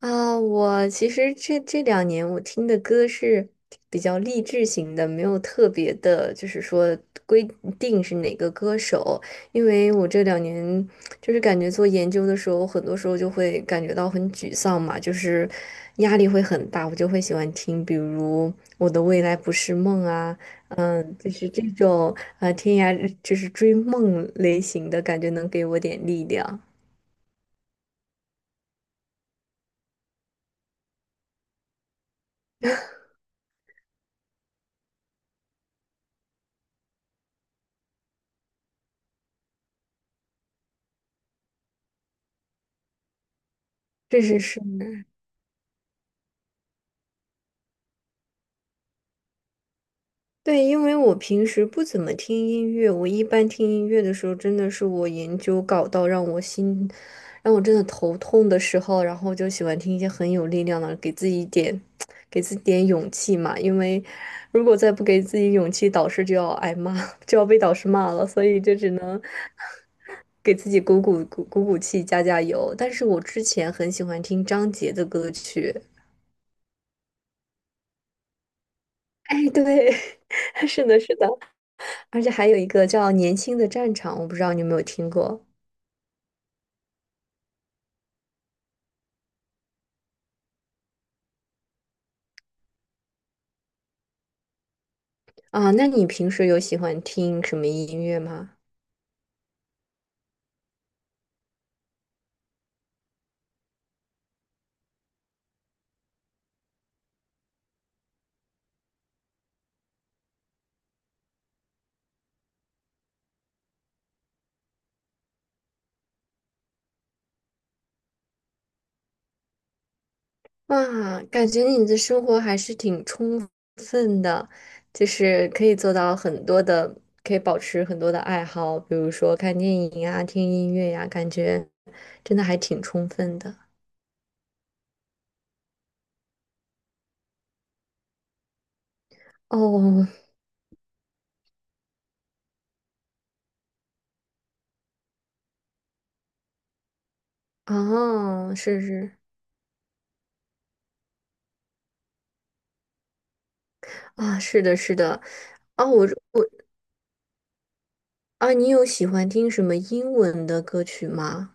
啊，我其实这这两年我听的歌是比较励志型的，没有特别的，就是说规定是哪个歌手。因为我这两年就是感觉做研究的时候，很多时候就会感觉到很沮丧嘛，就是压力会很大，我就会喜欢听，比如《我的未来不是梦》啊。嗯，就是这种呃天涯就是追梦类型的感觉，能给我点力量。这是是。对，因为我平时不怎么听音乐，我一般听音乐的时候，真的是我研究搞到让我心，让我真的头痛的时候，然后就喜欢听一些很有力量的，给自己一点，给自己点勇气嘛。因为如果再不给自己勇气，导师就要挨骂，就要被导师骂了，所以就只能 给自己鼓气，加加油。但是我之前很喜欢听张杰的歌曲。哎，对，是的，是的。而且还有一个叫《年轻的战场》，我不知道你有没有听过。啊？那你平时有喜欢听什么音乐吗？哇，感觉你的生活还是挺充分的，就是可以做到很多的，可以保持很多的爱好，比如说看电影呀、听音乐呀，感觉真的还挺充分的。哦，哦，是是，啊，是的，是的。啊，我我啊，你有喜欢听什么英文的歌曲吗？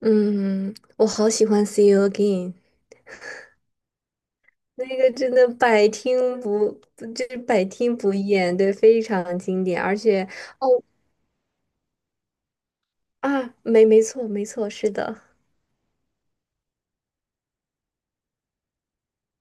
嗯，我好喜欢《See You Again》,那个真的百听不，不就是百听不厌，对，非常经典。而且，哦，啊，没没错没错，是的，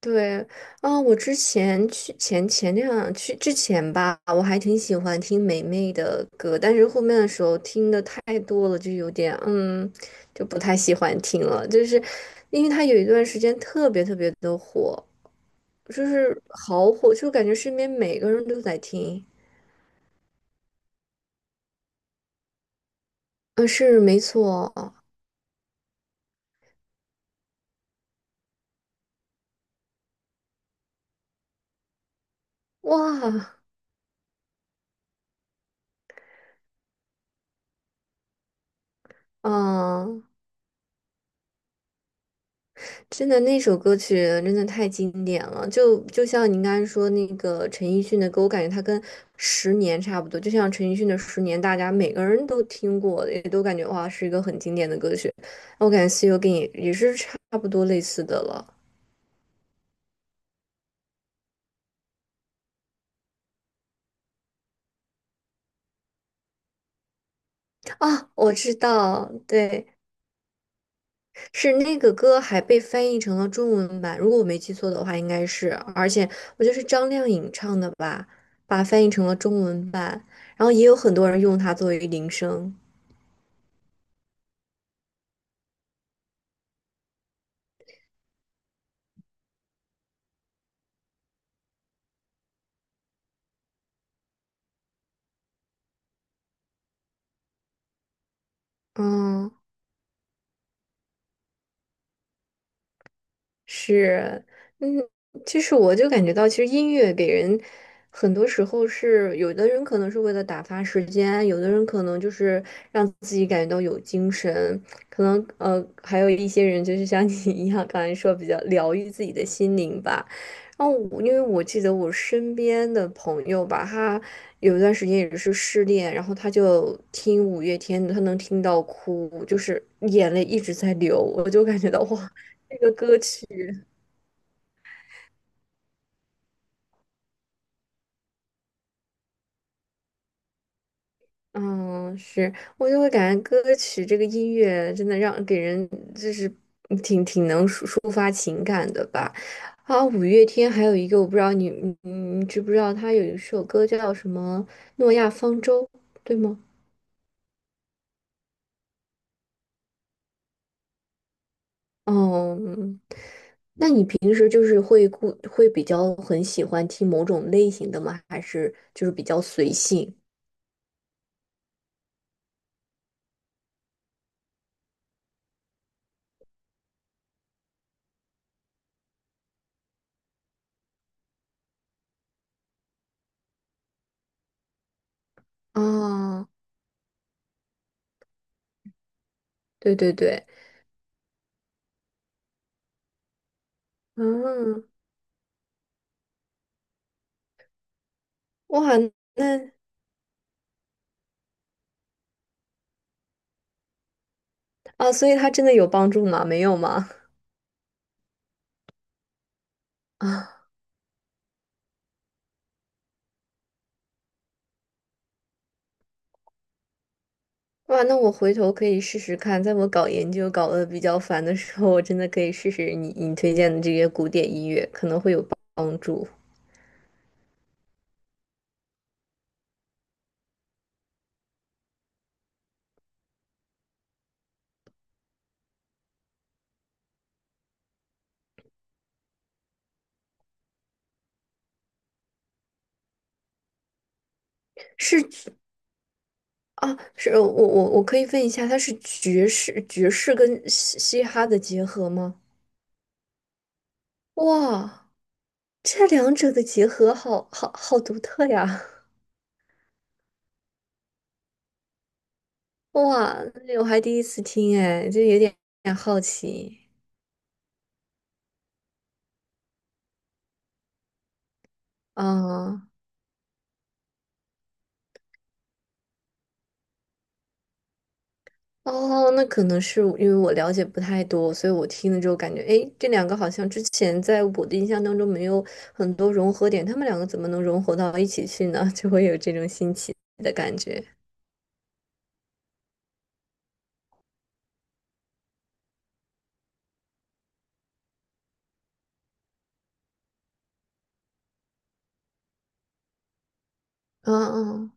对。啊，我之前去前前两去之前吧，我还挺喜欢听霉霉的歌，但是后面的时候听的太多了，就有点嗯，就不太喜欢听了，就是因为她有一段时间特别特别的火。就是好火，就感觉身边每个人都在听。嗯，是没错。哇，啊，真的那首歌曲真的太经典了，就就像您刚才说那个陈奕迅的歌，我感觉他跟《十年》差不多，就像陈奕迅的《十年》，大家每个人都听过，也都感觉哇是一个很经典的歌曲。我感觉《See You Again》也是差不多类似的了。啊，我知道，对。是那个歌还被翻译成了中文版，如果我没记错的话，应该是，而且我觉得是张靓颖唱的吧，把它翻译成了中文版，然后也有很多人用它作为铃声。嗯，是，嗯。其实我就感觉到，其实音乐给人很多时候是，有的人可能是为了打发时间，有的人可能就是让自己感觉到有精神，可能呃，还有一些人就是像 你一样，刚才说比较疗愈自己的心灵吧。然后我，因为我记得我身边的朋友吧，他有一段时间也是失恋，然后他就听五月天的，他能听到哭，就是眼泪一直在流，我就感觉到哇，这个歌曲。嗯，是，我就会感觉歌曲这个音乐真的让给人就是挺挺能抒抒发情感的吧。啊，五月天还有一个我不知道你嗯知不知道，他有一首歌叫什么《诺亚方舟》，对吗？哦，嗯，平时就是会固会比较很喜欢听某种类型的吗？还是就是比较随性？啊，对对对，嗯，哇，那，啊，所以他真的有帮助吗？没有吗？啊。哇，那我回头可以试试看，在我搞研究搞得比较烦的时候，我真的可以试试你你推荐的这些古典音乐，可能会有帮助。是啊，是我我我可以问一下，它是爵士跟嘻哈的结合吗？哇，这两者的结合好独特呀！哇，我还第一次听哎，就有点好奇啊。哦，那可能是因为我了解不太多，所以我听了之后感觉，哎，这两个好像之前在我的印象当中没有很多融合点，他们两个怎么能融合到一起去呢？就会有这种新奇的感觉。嗯嗯，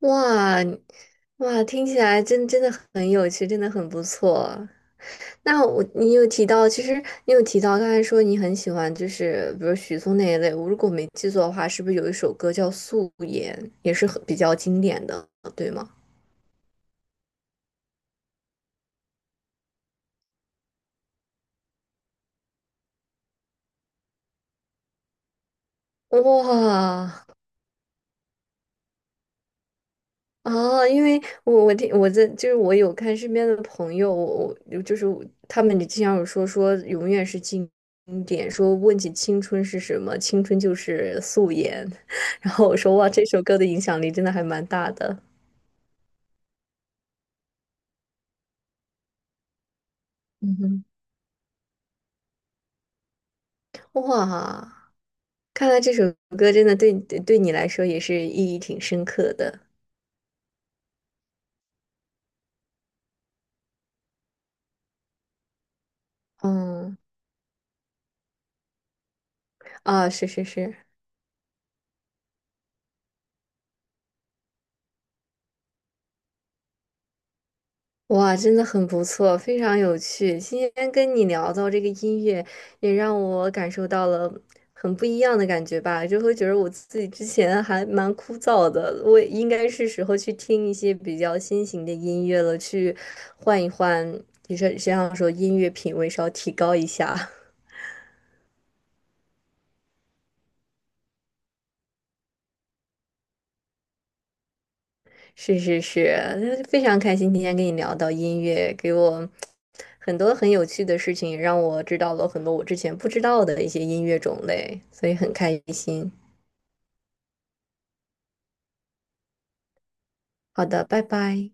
哇哇，听起来真的很有趣，真的很不错。那有提到，其实你有提到刚才说你很喜欢，就是比如许嵩那一类。我如果没记错的话，是不是有一首歌叫《素颜》，也是很比较经典的，对吗？哇，啊！因为我我听我在就是我有看身边的朋友，我我就是他们经常有说说永远是经典，说问起青春是什么，青春就是素颜。然后我说哇，这首歌的影响力真的还蛮大的。嗯哼，哇，看来这首歌真的对对对你来说也是意义挺深刻的。嗯，啊，是是是，哇，真的很不错，非常有趣。今天跟你聊到这个音乐，也让我感受到了很不一样的感觉吧，就会觉得我自己之前还蛮枯燥的，我也应该是时候去听一些比较新型的音乐了，去换一换，也是这样说，音乐品味稍提高一下。是是是，那非常开心今天跟你聊到音乐，给我很多很有趣的事情，让我知道了很多我之前不知道的一些音乐种类，所以很开心。好的，拜拜。